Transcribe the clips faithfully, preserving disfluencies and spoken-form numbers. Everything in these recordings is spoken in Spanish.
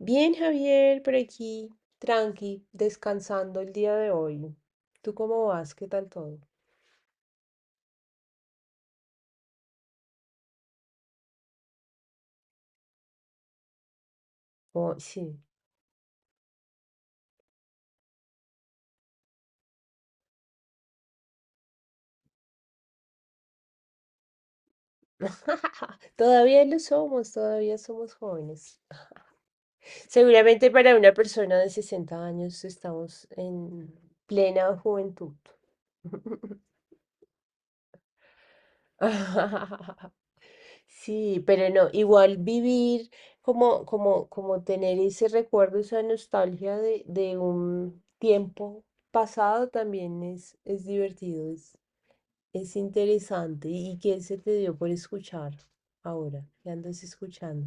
Bien, Javier, por aquí, tranqui, descansando el día de hoy. ¿Tú cómo vas? ¿Qué tal todo? Oh, sí. Todavía lo somos, todavía somos jóvenes. Seguramente para una persona de sesenta años estamos en plena juventud. Sí, pero no, igual vivir como, como, como tener ese recuerdo, esa nostalgia de, de un tiempo pasado también es, es divertido, es, es interesante. ¿Y qué se te dio por escuchar ahora? ¿Qué andas escuchando?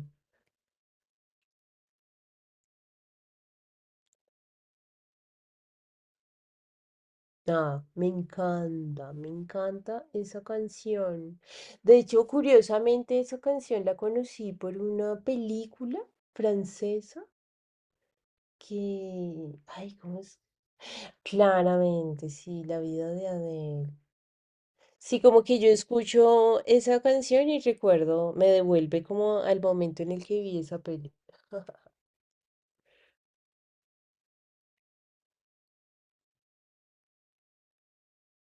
Ah, me encanta, me encanta esa canción. De hecho, curiosamente, esa canción la conocí por una película francesa. Que, ay, ¿cómo es? Claramente, sí, la vida de Adele. Sí, como que yo escucho esa canción y recuerdo, me devuelve como al momento en el que vi esa peli.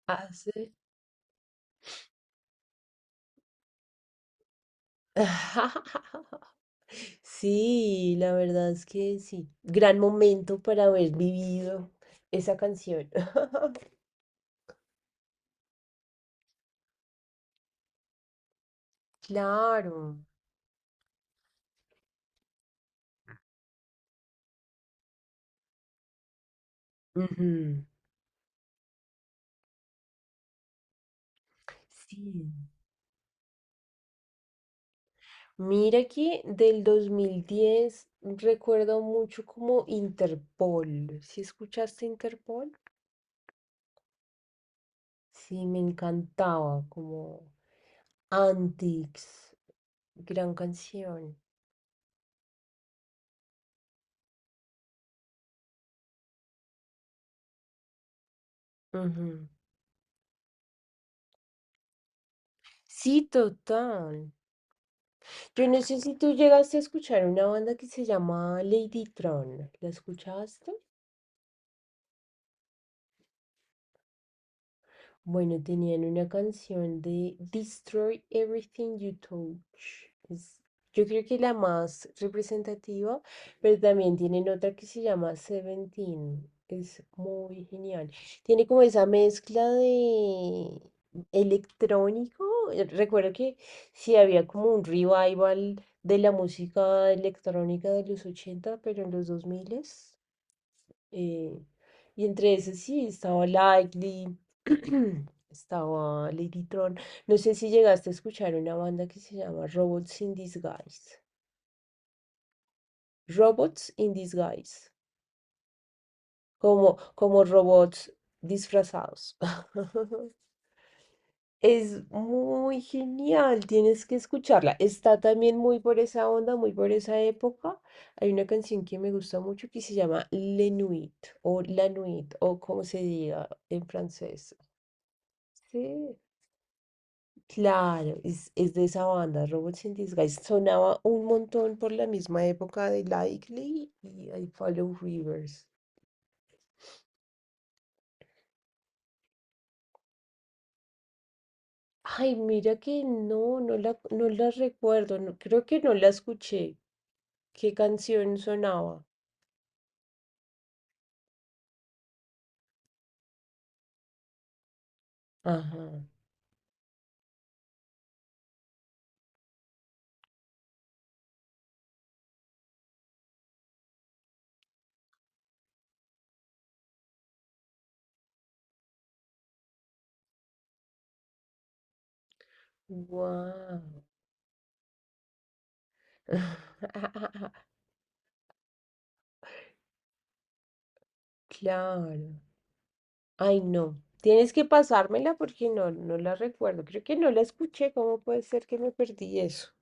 Hace- Sí, la verdad es que sí. Gran momento para haber vivido esa canción. Claro. Ujú. Sí. Mira que del dos mil diez recuerdo mucho como Interpol. ¿Si escuchaste Interpol? Sí, me encantaba, como Antics, gran canción. Ujú. Sí, total. Yo no sé si tú llegaste a escuchar una banda que se llama Lady Tron. ¿La escuchaste? Bueno, tenían una canción de Destroy Everything You Touch. Es, yo creo que la más representativa, pero también tienen otra que se llama Seventeen. Es muy genial. Tiene como esa mezcla de electrónico. Eh, Recuerdo que sí había como un revival de la música electrónica de los ochenta, pero en los dos mil. eh, y entre esas sí, estaba Likely, estaba Ladytron. No sé si llegaste a escuchar una banda que se llama Robots in Disguise. Robots in Disguise. Como, como robots disfrazados. Es muy genial, tienes que escucharla. Está también muy por esa onda, muy por esa época. Hay una canción que me gusta mucho que se llama Le Nuit o La Nuit o como se diga en francés. Sí. Claro, es, es de esa banda, Robots in Disguise. Sonaba un montón por la misma época de Likely y I Follow Rivers. Ay, mira que no, no la, no la recuerdo, no, creo que no la escuché. ¿Qué canción sonaba? Ajá. Wow. Claro. Ay, no. Tienes que pasármela porque no, no la recuerdo. Creo que no la escuché. ¿Cómo puede ser que me perdí eso?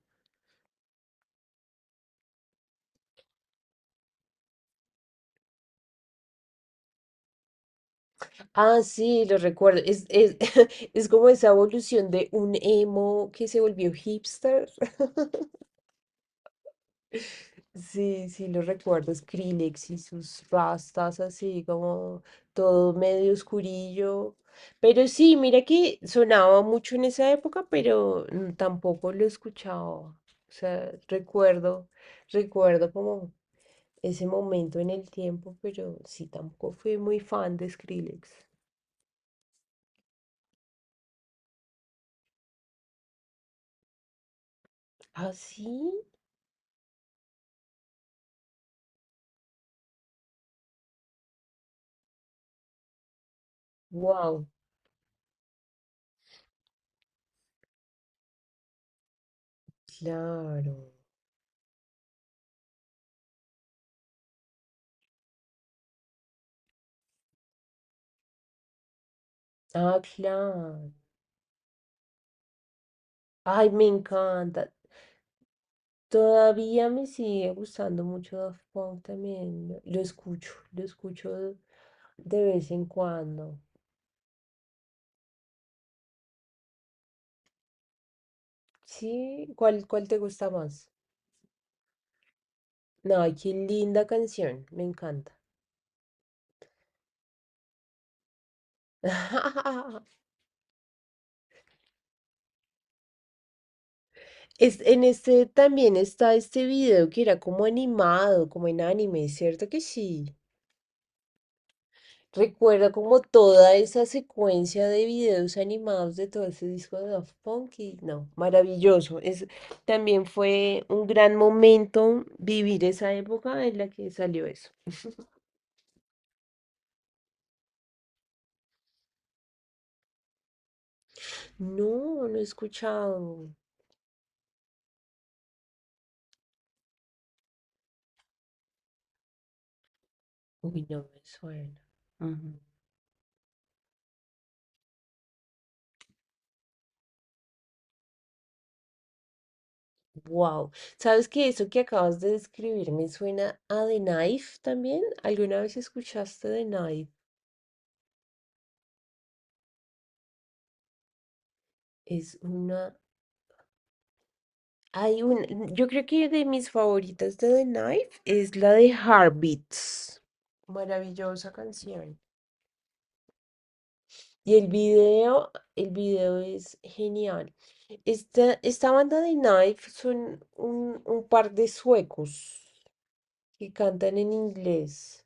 Ah, sí, lo recuerdo. Es, es, es como esa evolución de un emo que se volvió hipster. Sí, sí, lo recuerdo. Skrillex y sus rastas así como todo medio oscurillo. Pero sí, mira que sonaba mucho en esa época, pero mm, tampoco lo escuchaba. O sea, recuerdo, recuerdo como ese momento en el tiempo, pero sí, tampoco fui muy fan de Skrillex. Ah, sí. Wow, claro. Ah, claro. Ay, me encanta. Todavía me sigue gustando mucho Daft Punk también. Lo lo escucho, lo escucho de vez en cuando. Sí, ¿cuál, cuál te gusta más? No, qué linda canción, me encanta. Es, en este también está este video que era como animado, como en anime, ¿cierto que sí? Recuerda como toda esa secuencia de videos animados de todo ese disco de Daft Punk y no, maravilloso. Es, también fue un gran momento vivir esa época en la que salió eso. No, no he escuchado. Uy, no me suena. Wow. ¿Sabes que eso que acabas de describir me suena a The Knife también? ¿Alguna vez escuchaste The Knife? Es una. Hay un, yo creo que de mis favoritas de The Knife es la de Heartbeats. Maravillosa canción. Y el video, el video es genial. Esta, esta banda de Knife son un, un par de suecos que cantan en inglés.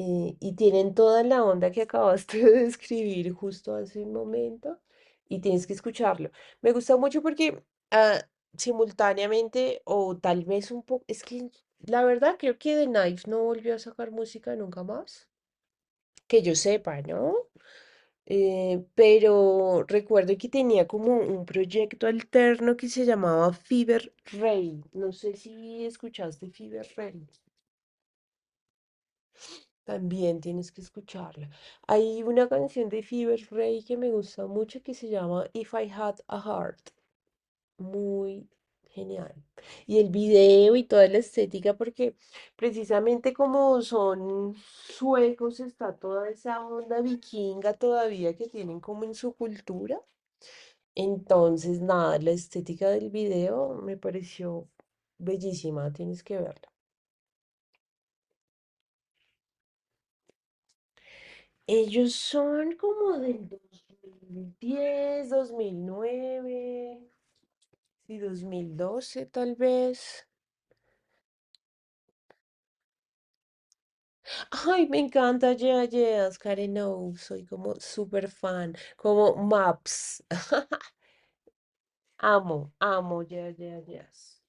eh, Y tienen toda la onda que acabaste de describir justo hace un momento y tienes que escucharlo. Me gusta mucho porque ah, simultáneamente o tal vez un poco, es que la verdad creo que The Knife no volvió a sacar música nunca más, que yo sepa, ¿no? Eh, pero recuerdo que tenía como un proyecto alterno que se llamaba Fever Ray. No sé si escuchaste Fever Ray. También tienes que escucharla. Hay una canción de Fever Ray que me gusta mucho que se llama If I Had a Heart. Muy genial. Y el video y toda la estética, porque precisamente como son suecos, está toda esa onda vikinga todavía que tienen como en su cultura. Entonces, nada, la estética del video me pareció bellísima, tienes que verla. Ellos son como del dos mil diez, dos mil nueve, sí, dos mil doce tal vez. Ay, me encanta Yeah Yeahs, Karen O, soy como súper fan, como Maps. Amo, amo Yeah Yeah Yeahs.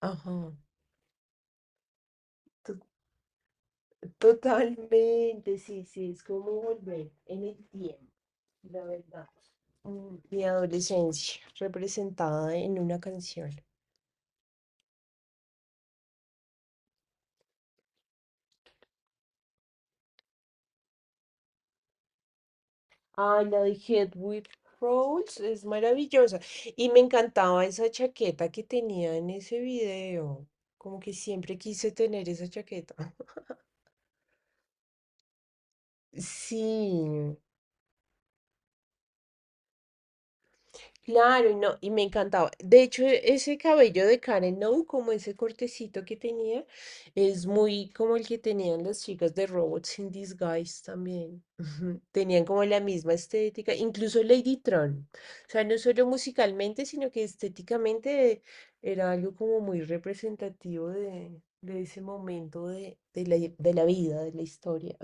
Ajá, to- totalmente, sí, sí, es como volver en el tiempo, la verdad. Mm, mi adolescencia representada en una canción. Ay, la de Hedwig Rose es maravillosa. Y me encantaba esa chaqueta que tenía en ese video. Como que siempre quise tener esa chaqueta. Sí, claro, y no, y me encantaba. De hecho, e- ese cabello de Karen No, como ese cortecito que tenía, es muy como el que tenían las chicas de Robots in Disguise también. Tenían como la misma estética, incluso Lady Tron. O sea, no solo musicalmente, sino que estéticamente era algo como muy representativo de, de ese momento de, de la, de la vida, de la historia.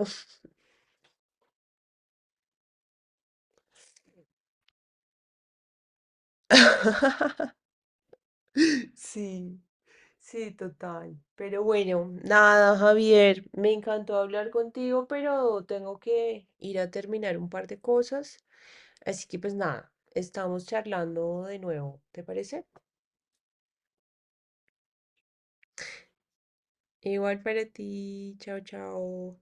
Sí. Sí, total. Pero bueno, nada, Javier, me encantó hablar contigo, pero tengo que ir a terminar un par de cosas. Así que pues nada, estamos charlando de nuevo, ¿te parece? Igual para ti, chao, chao.